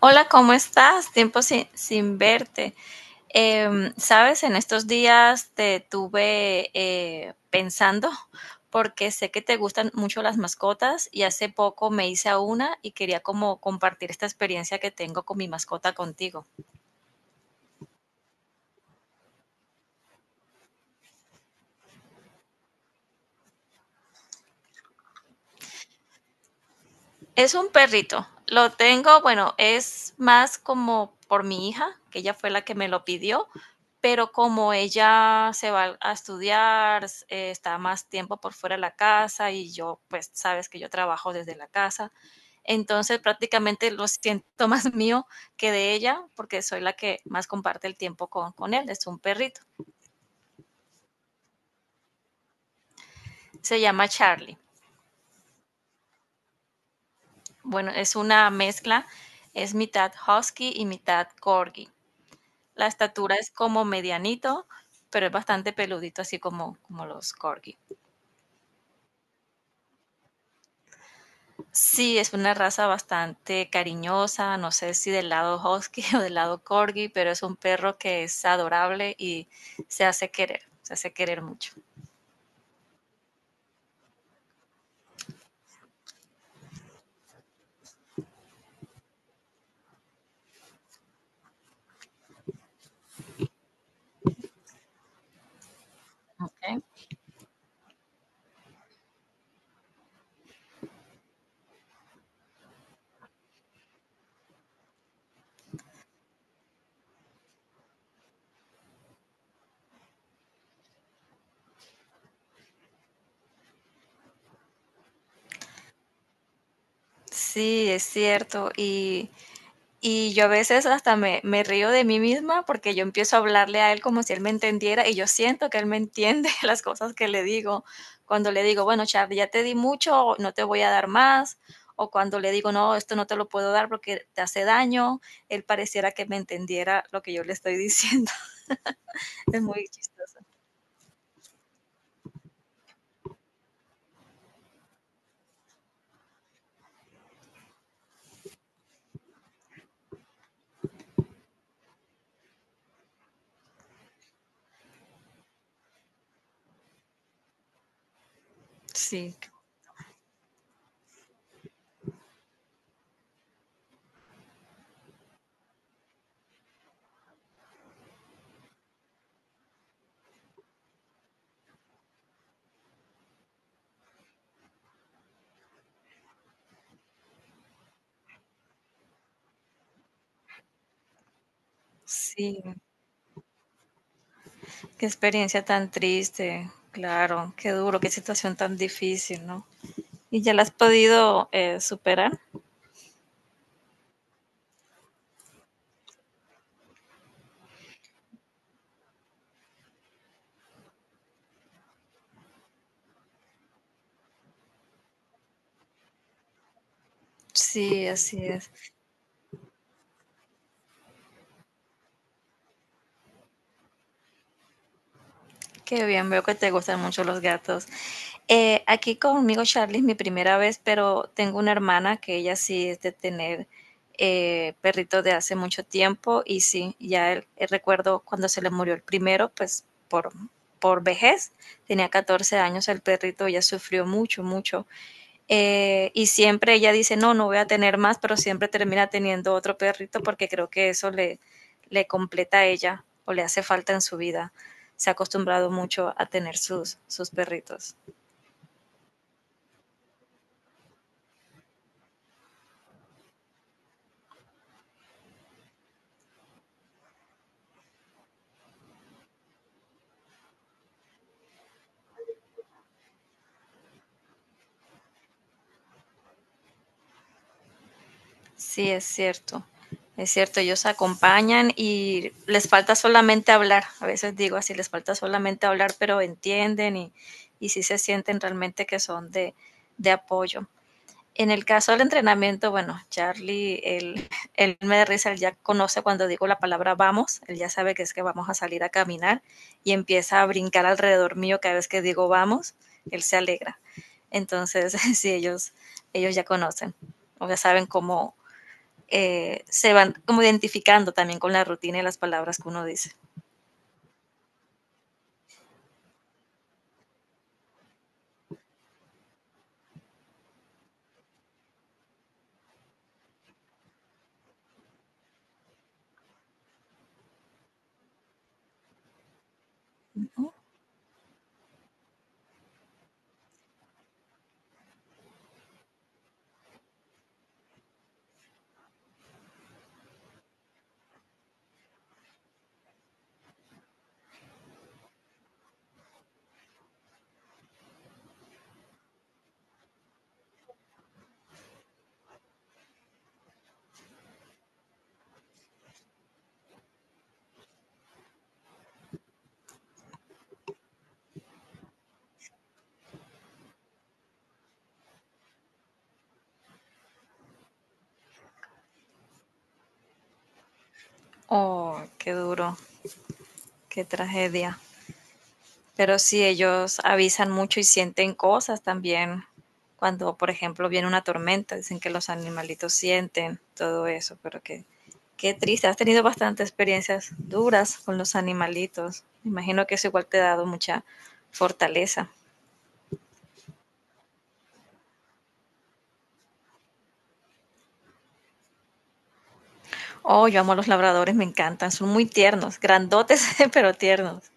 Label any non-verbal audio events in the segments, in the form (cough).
Hola, ¿cómo estás? Tiempo sin verte. Sabes, en estos días te tuve pensando porque sé que te gustan mucho las mascotas y hace poco me hice a una y quería como compartir esta experiencia que tengo con mi mascota contigo. Es un perrito. Lo tengo, bueno, es más como por mi hija, que ella fue la que me lo pidió, pero como ella se va a estudiar, está más tiempo por fuera de la casa y yo, pues sabes que yo trabajo desde la casa, entonces prácticamente lo siento (laughs) más mío que de ella, porque soy la que más comparte el tiempo con él. Es un perrito. Se llama Charlie. Bueno, es una mezcla, es mitad husky y mitad corgi. La estatura es como medianito, pero es bastante peludito, así como, como los corgi. Sí, es una raza bastante cariñosa, no sé si del lado husky (laughs) o del lado corgi, pero es un perro que es adorable y se hace querer mucho. ¿Ok? Sí, es cierto. Y yo a veces hasta me río de mí misma, porque yo empiezo a hablarle a él como si él me entendiera, y yo siento que él me entiende (laughs) las cosas que le digo. Cuando le digo: "Bueno, Charlie, ya te di mucho, no te voy a dar más", o cuando le digo: "No, esto no te lo puedo dar porque te hace daño", él pareciera que me entendiera lo que yo le estoy diciendo. (laughs) Es muy chistoso. Sí, sí, qué experiencia tan triste. Claro, qué duro, qué situación tan difícil, ¿no? ¿Y ya la has podido, superar? Sí, así es. Qué bien, veo que te gustan mucho los gatos. Aquí conmigo Charlie es mi primera vez, pero tengo una hermana que ella sí es de tener perrito de hace mucho tiempo y sí, ya el recuerdo cuando se le murió el primero, pues por vejez, tenía 14 años el perrito, ella sufrió mucho, mucho. Y siempre ella dice, no, no voy a tener más, pero siempre termina teniendo otro perrito porque creo que eso le, le completa a ella o le hace falta en su vida. Se ha acostumbrado mucho a tener sus perritos. Sí, es cierto. Es cierto, ellos acompañan y les falta solamente hablar. A veces digo así, les falta solamente hablar, pero entienden y sí se sienten realmente que son de apoyo. En el caso del entrenamiento, bueno, Charlie, (laughs) él me da risa, él ya conoce cuando digo la palabra vamos, él ya sabe que es que vamos a salir a caminar y empieza a brincar alrededor mío cada vez que digo vamos, él se alegra. Entonces, (laughs) sí, ellos ya conocen, o ya saben cómo se van como identificando también con la rutina y las palabras que uno dice. ¿No? Oh, qué duro, qué tragedia. Pero sí, ellos avisan mucho y sienten cosas también. Cuando, por ejemplo, viene una tormenta, dicen que los animalitos sienten todo eso, pero que qué triste. Has tenido bastantes experiencias duras con los animalitos. Me imagino que eso igual te ha dado mucha fortaleza. Oh, yo amo a los labradores, me encantan. Son muy tiernos, grandotes, (laughs) pero tiernos.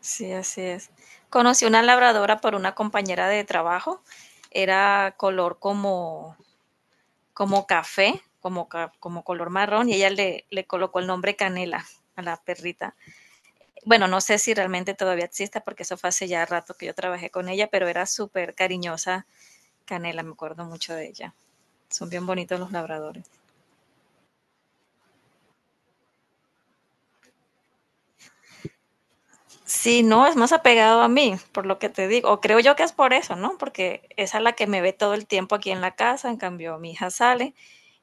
Sí, así es. Conocí una labradora por una compañera de trabajo. Era color como como café, como, como color marrón, y ella le colocó el nombre Canela a la perrita. Bueno, no sé si realmente todavía exista porque eso fue hace ya rato que yo trabajé con ella, pero era súper cariñosa Canela, me acuerdo mucho de ella. Son bien bonitos los labradores. Sí, no, es más apegado a mí, por lo que te digo. O creo yo que es por eso, ¿no? Porque esa es la que me ve todo el tiempo aquí en la casa. En cambio, mi hija sale.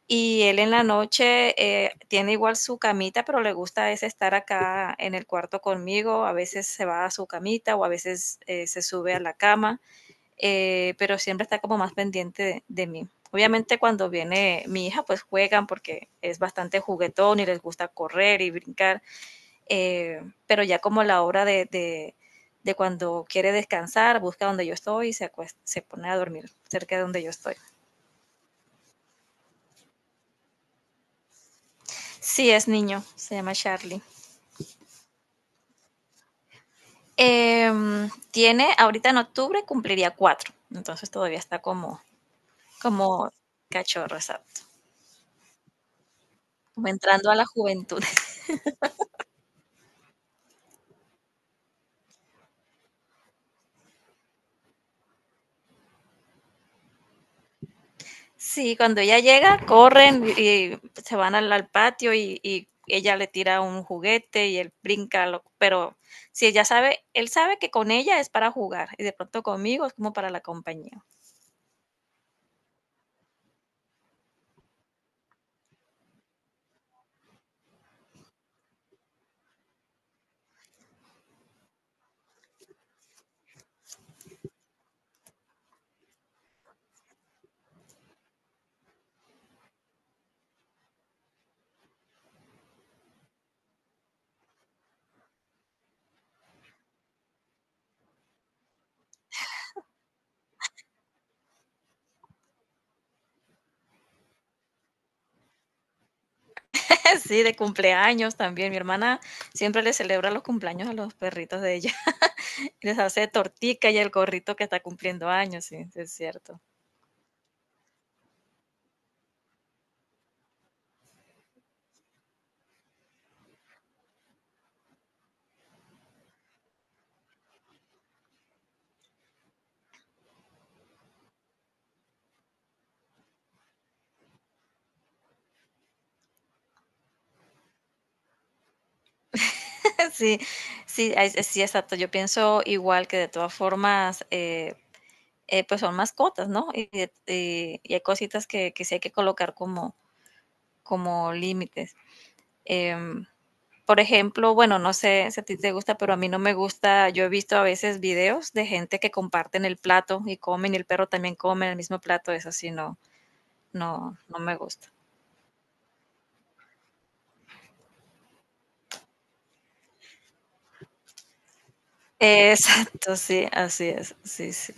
Y él en la noche tiene igual su camita, pero le gusta es estar acá en el cuarto conmigo. A veces se va a su camita o a veces se sube a la cama, pero siempre está como más pendiente de mí. Obviamente cuando viene mi hija, pues juegan porque es bastante juguetón y les gusta correr y brincar, eh, pero ya como la hora de cuando quiere descansar, busca donde yo estoy y se, se pone a dormir cerca de donde yo estoy. Sí, es niño, se llama Charlie. Tiene, ahorita en octubre cumpliría 4, entonces todavía está como, como cachorro, exacto, como entrando a la juventud. (laughs) Sí, cuando ella llega, corren y se van al patio y ella le tira un juguete y él brinca, pero si ella sabe, él sabe que con ella es para jugar y de pronto conmigo es como para la compañía. (laughs) Sí, de cumpleaños también. Mi hermana siempre le celebra los cumpleaños a los perritos de ella. Les hace tortica y el gorrito que está cumpliendo años, sí, sí, es cierto. (laughs) Sí, sí, sí, exacto. Yo pienso igual que de todas formas, pues son mascotas, ¿no? Y, y hay cositas que sí hay que colocar como, como límites. Em, por ejemplo, bueno, no sé si a ti te gusta, pero a mí no me gusta. Yo he visto a veces videos de gente que comparten el plato y comen y el perro también come en el mismo plato. Eso sí, no, no, no me gusta. Exacto, sí, así es, sí, sí.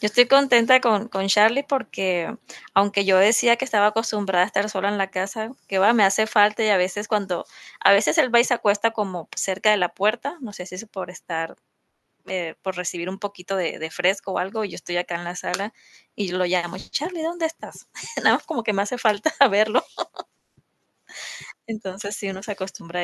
Yo estoy contenta con Charlie porque aunque yo decía que estaba acostumbrada a estar sola en la casa, que va, me hace falta y a veces cuando, a veces él va y se acuesta como cerca de la puerta, no sé si es por estar, por recibir un poquito de fresco o algo, y yo estoy acá en la sala y lo llamo, Charlie, ¿dónde estás? (laughs) Nada más como que me hace falta (laughs) verlo, entonces sí, uno se acostumbra